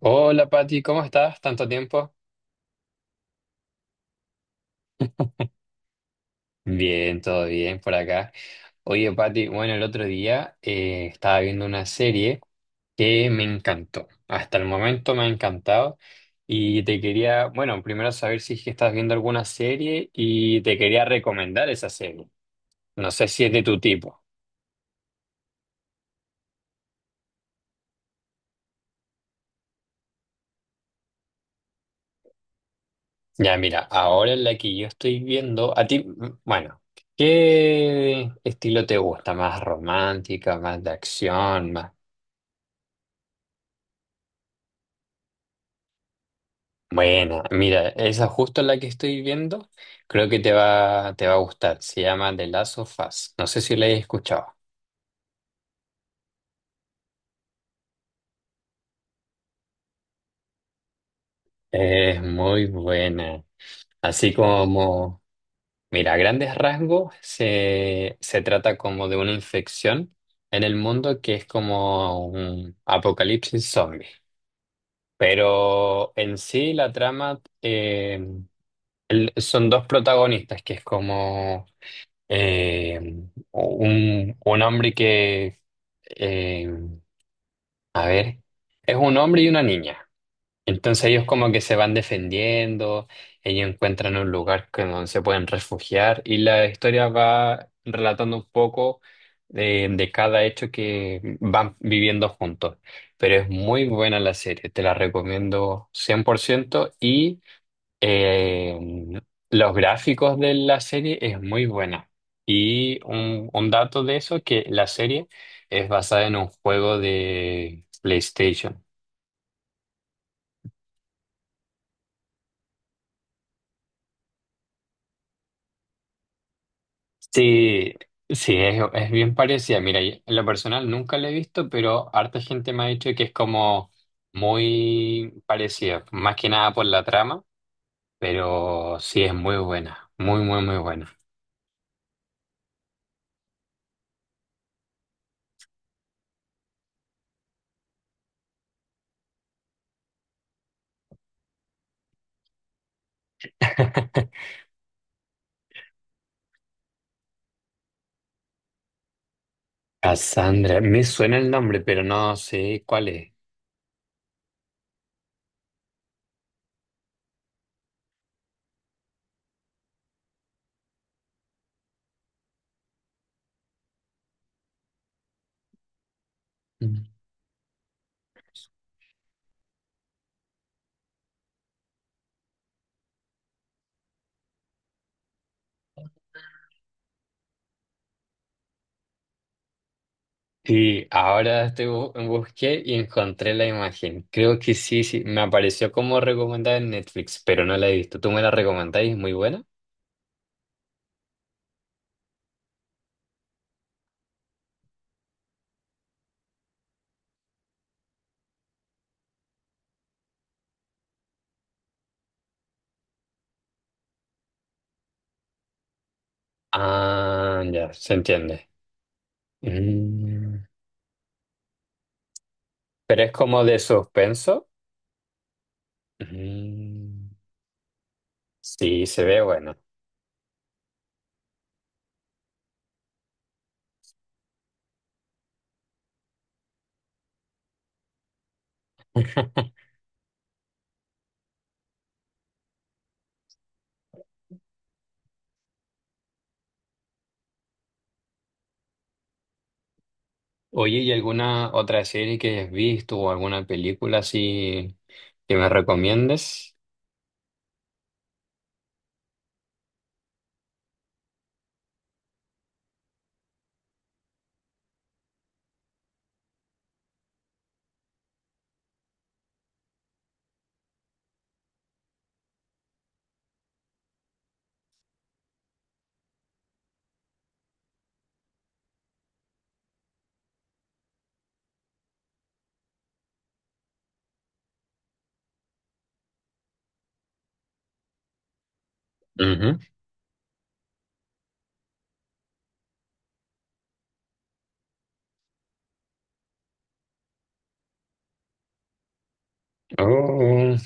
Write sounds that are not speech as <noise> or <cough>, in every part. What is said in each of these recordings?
Hola Pati, ¿cómo estás? ¿Tanto tiempo? Bien, todo bien por acá. Oye Pati, bueno, el otro día estaba viendo una serie que me encantó. Hasta el momento me ha encantado y te quería, bueno, primero saber si es que estás viendo alguna serie y te quería recomendar esa serie. No sé si es de tu tipo. Ya, mira, ahora en la que yo estoy viendo, a ti, bueno, ¿qué estilo te gusta? ¿Más romántica, más de acción, más... Bueno, mira, esa justo la que estoy viendo, creo que te va a gustar. Se llama The Last of Us. No sé si la hayas escuchado. Es muy buena. Así como, mira, a grandes rasgos se trata como de una infección en el mundo que es como un apocalipsis zombie. Pero en sí la trama son dos protagonistas, que es como eh, un hombre que eh, a ver, es un hombre y una niña. Entonces ellos como que se van defendiendo, ellos encuentran un lugar donde se pueden refugiar y la historia va relatando un poco de cada hecho que van viviendo juntos. Pero es muy buena la serie, te la recomiendo 100% y eh, los gráficos de la serie es muy buena. Y un dato de eso, que la serie es basada en un juego de PlayStation. Sí, sí, es bien parecida. Mira, yo en lo personal nunca la he visto, pero harta gente me ha dicho que es como muy parecida, más que nada por la trama, pero sí es muy buena, muy, muy, muy buena. <laughs> Cassandra, me suena el nombre, pero no sé cuál es. Sí, ahora estoy busqué y encontré la imagen. Creo que sí, sí, me apareció como recomendada en Netflix, pero no la he visto. ¿Tú me la recomendás y es muy buena? Ah, ya, se entiende. Mm, pero es como de suspenso. Mm, sí, se ve bueno. <laughs> Oye, ¿y alguna otra serie que hayas visto o alguna película así que me recomiendes? Ujú. Oh.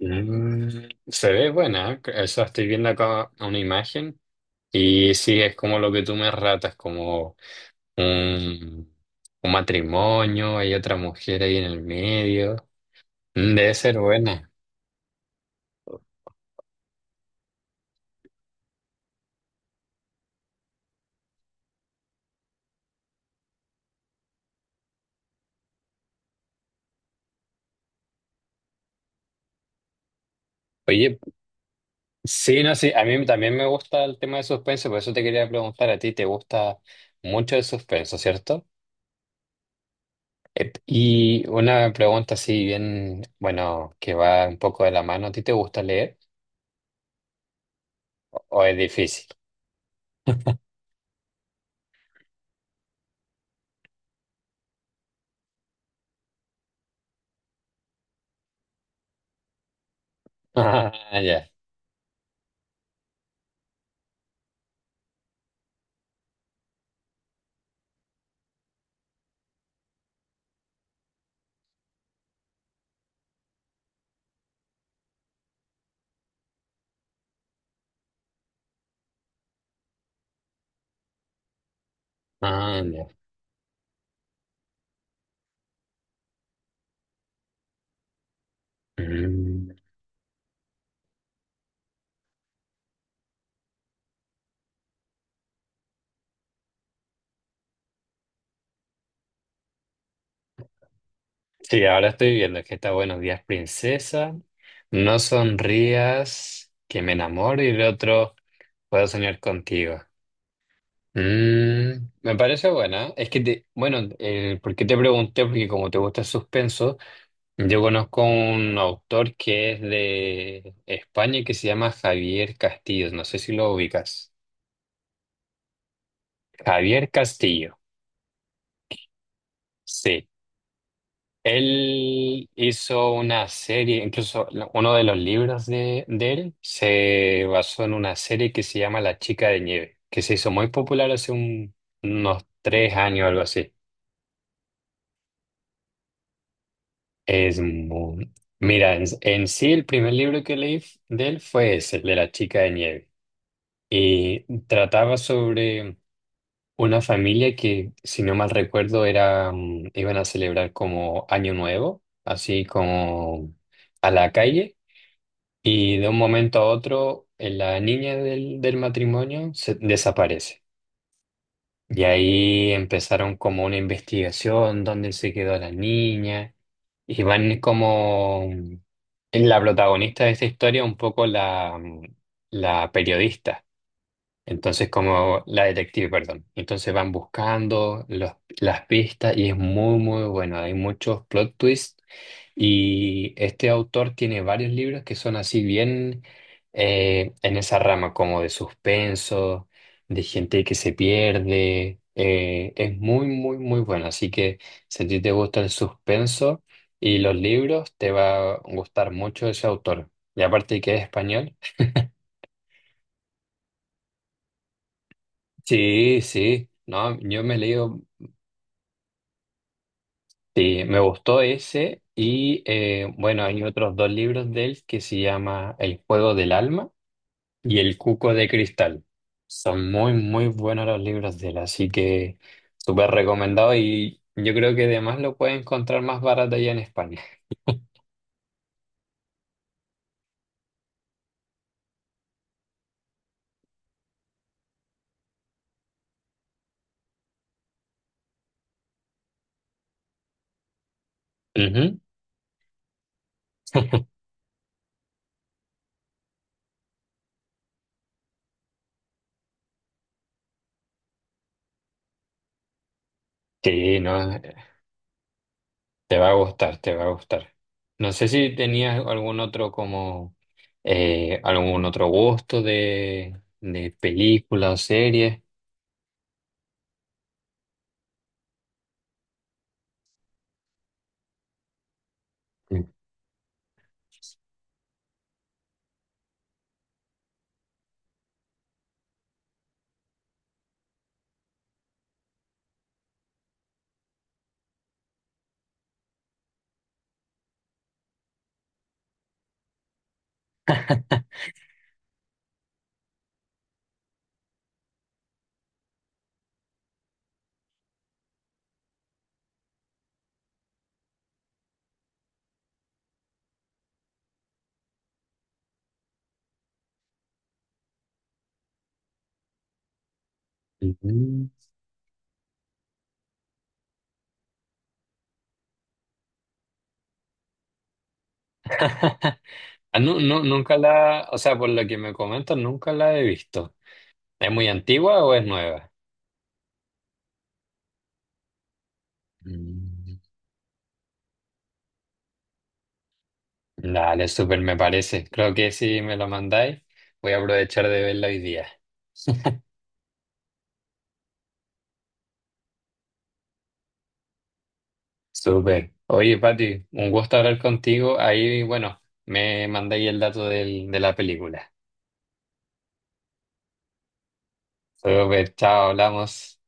Mm, se ve buena, ¿eh? O sea, estoy viendo acá una imagen y sí, es como lo que tú me ratas, como un, un matrimonio, hay otra mujer ahí en el medio. Mm, debe ser buena. Oye, sí, no, sí, a mí también me gusta el tema de suspenso, por eso te quería preguntar a ti, ¿te gusta mucho el suspenso, cierto? Ep, y una pregunta así bien, bueno, que va un poco de la mano, ¿a ti te gusta leer o es difícil? <laughs> Ah, ya. Ah, ya. Mm. Sí, ahora estoy viendo que está Buenos días, princesa. No sonrías, que me enamoro y el otro puedo soñar contigo. Mm, me parece buena. Es que, bueno, ¿por qué te pregunté? Porque como te gusta el suspenso, yo conozco un autor que es de España y que se llama Javier Castillo. No sé si lo ubicas. Javier Castillo. Sí. Él hizo una serie, incluso uno de los libros de él se basó en una serie que se llama La Chica de Nieve, que se hizo muy popular hace unos 3 años o algo así. Es muy... Mira, en sí el primer libro que leí de él fue ese, el de La Chica de Nieve, y trataba sobre una familia que, si no mal recuerdo, era, mm, iban a celebrar como Año Nuevo, así como a la calle. Y de un momento a otro, la niña del matrimonio desaparece. Y ahí empezaron como una investigación, dónde se quedó la niña. Y van como la protagonista de esta historia, un poco la, mm, la periodista. Entonces, como la detective, perdón. Entonces van buscando las pistas y es muy, muy bueno. Hay muchos plot twists y este autor tiene varios libros que son así bien en esa rama, como de suspenso, de gente que se pierde. Es muy, muy, muy bueno. Así que si a ti te gusta el suspenso y los libros, te va a gustar mucho ese autor. Y aparte que es español. Sí, sí. No, yo me he leído, sí, me gustó ese. Y bueno, hay otros dos libros de él que se llama El juego del alma y El Cuco de Cristal. Son muy, muy buenos los libros de él, así que súper recomendado y yo creo que además lo puedes encontrar más barato allá en España. Ujú. Sí, no, te va a gustar, te va a gustar. No sé si tenías algún otro como algún otro gusto de película o serie. Ujú. <laughs> Ah, no, no, nunca la, o sea, por lo que me comentas, nunca la he visto. ¿Es muy antigua o es nueva? Mm. Dale, súper me parece. Creo que si me lo mandáis, voy a aprovechar de verlo hoy día. <laughs> Súper. Oye, Pati, un gusto hablar contigo. Ahí, bueno, me mandáis el dato de la película. Súper, chao, hablamos.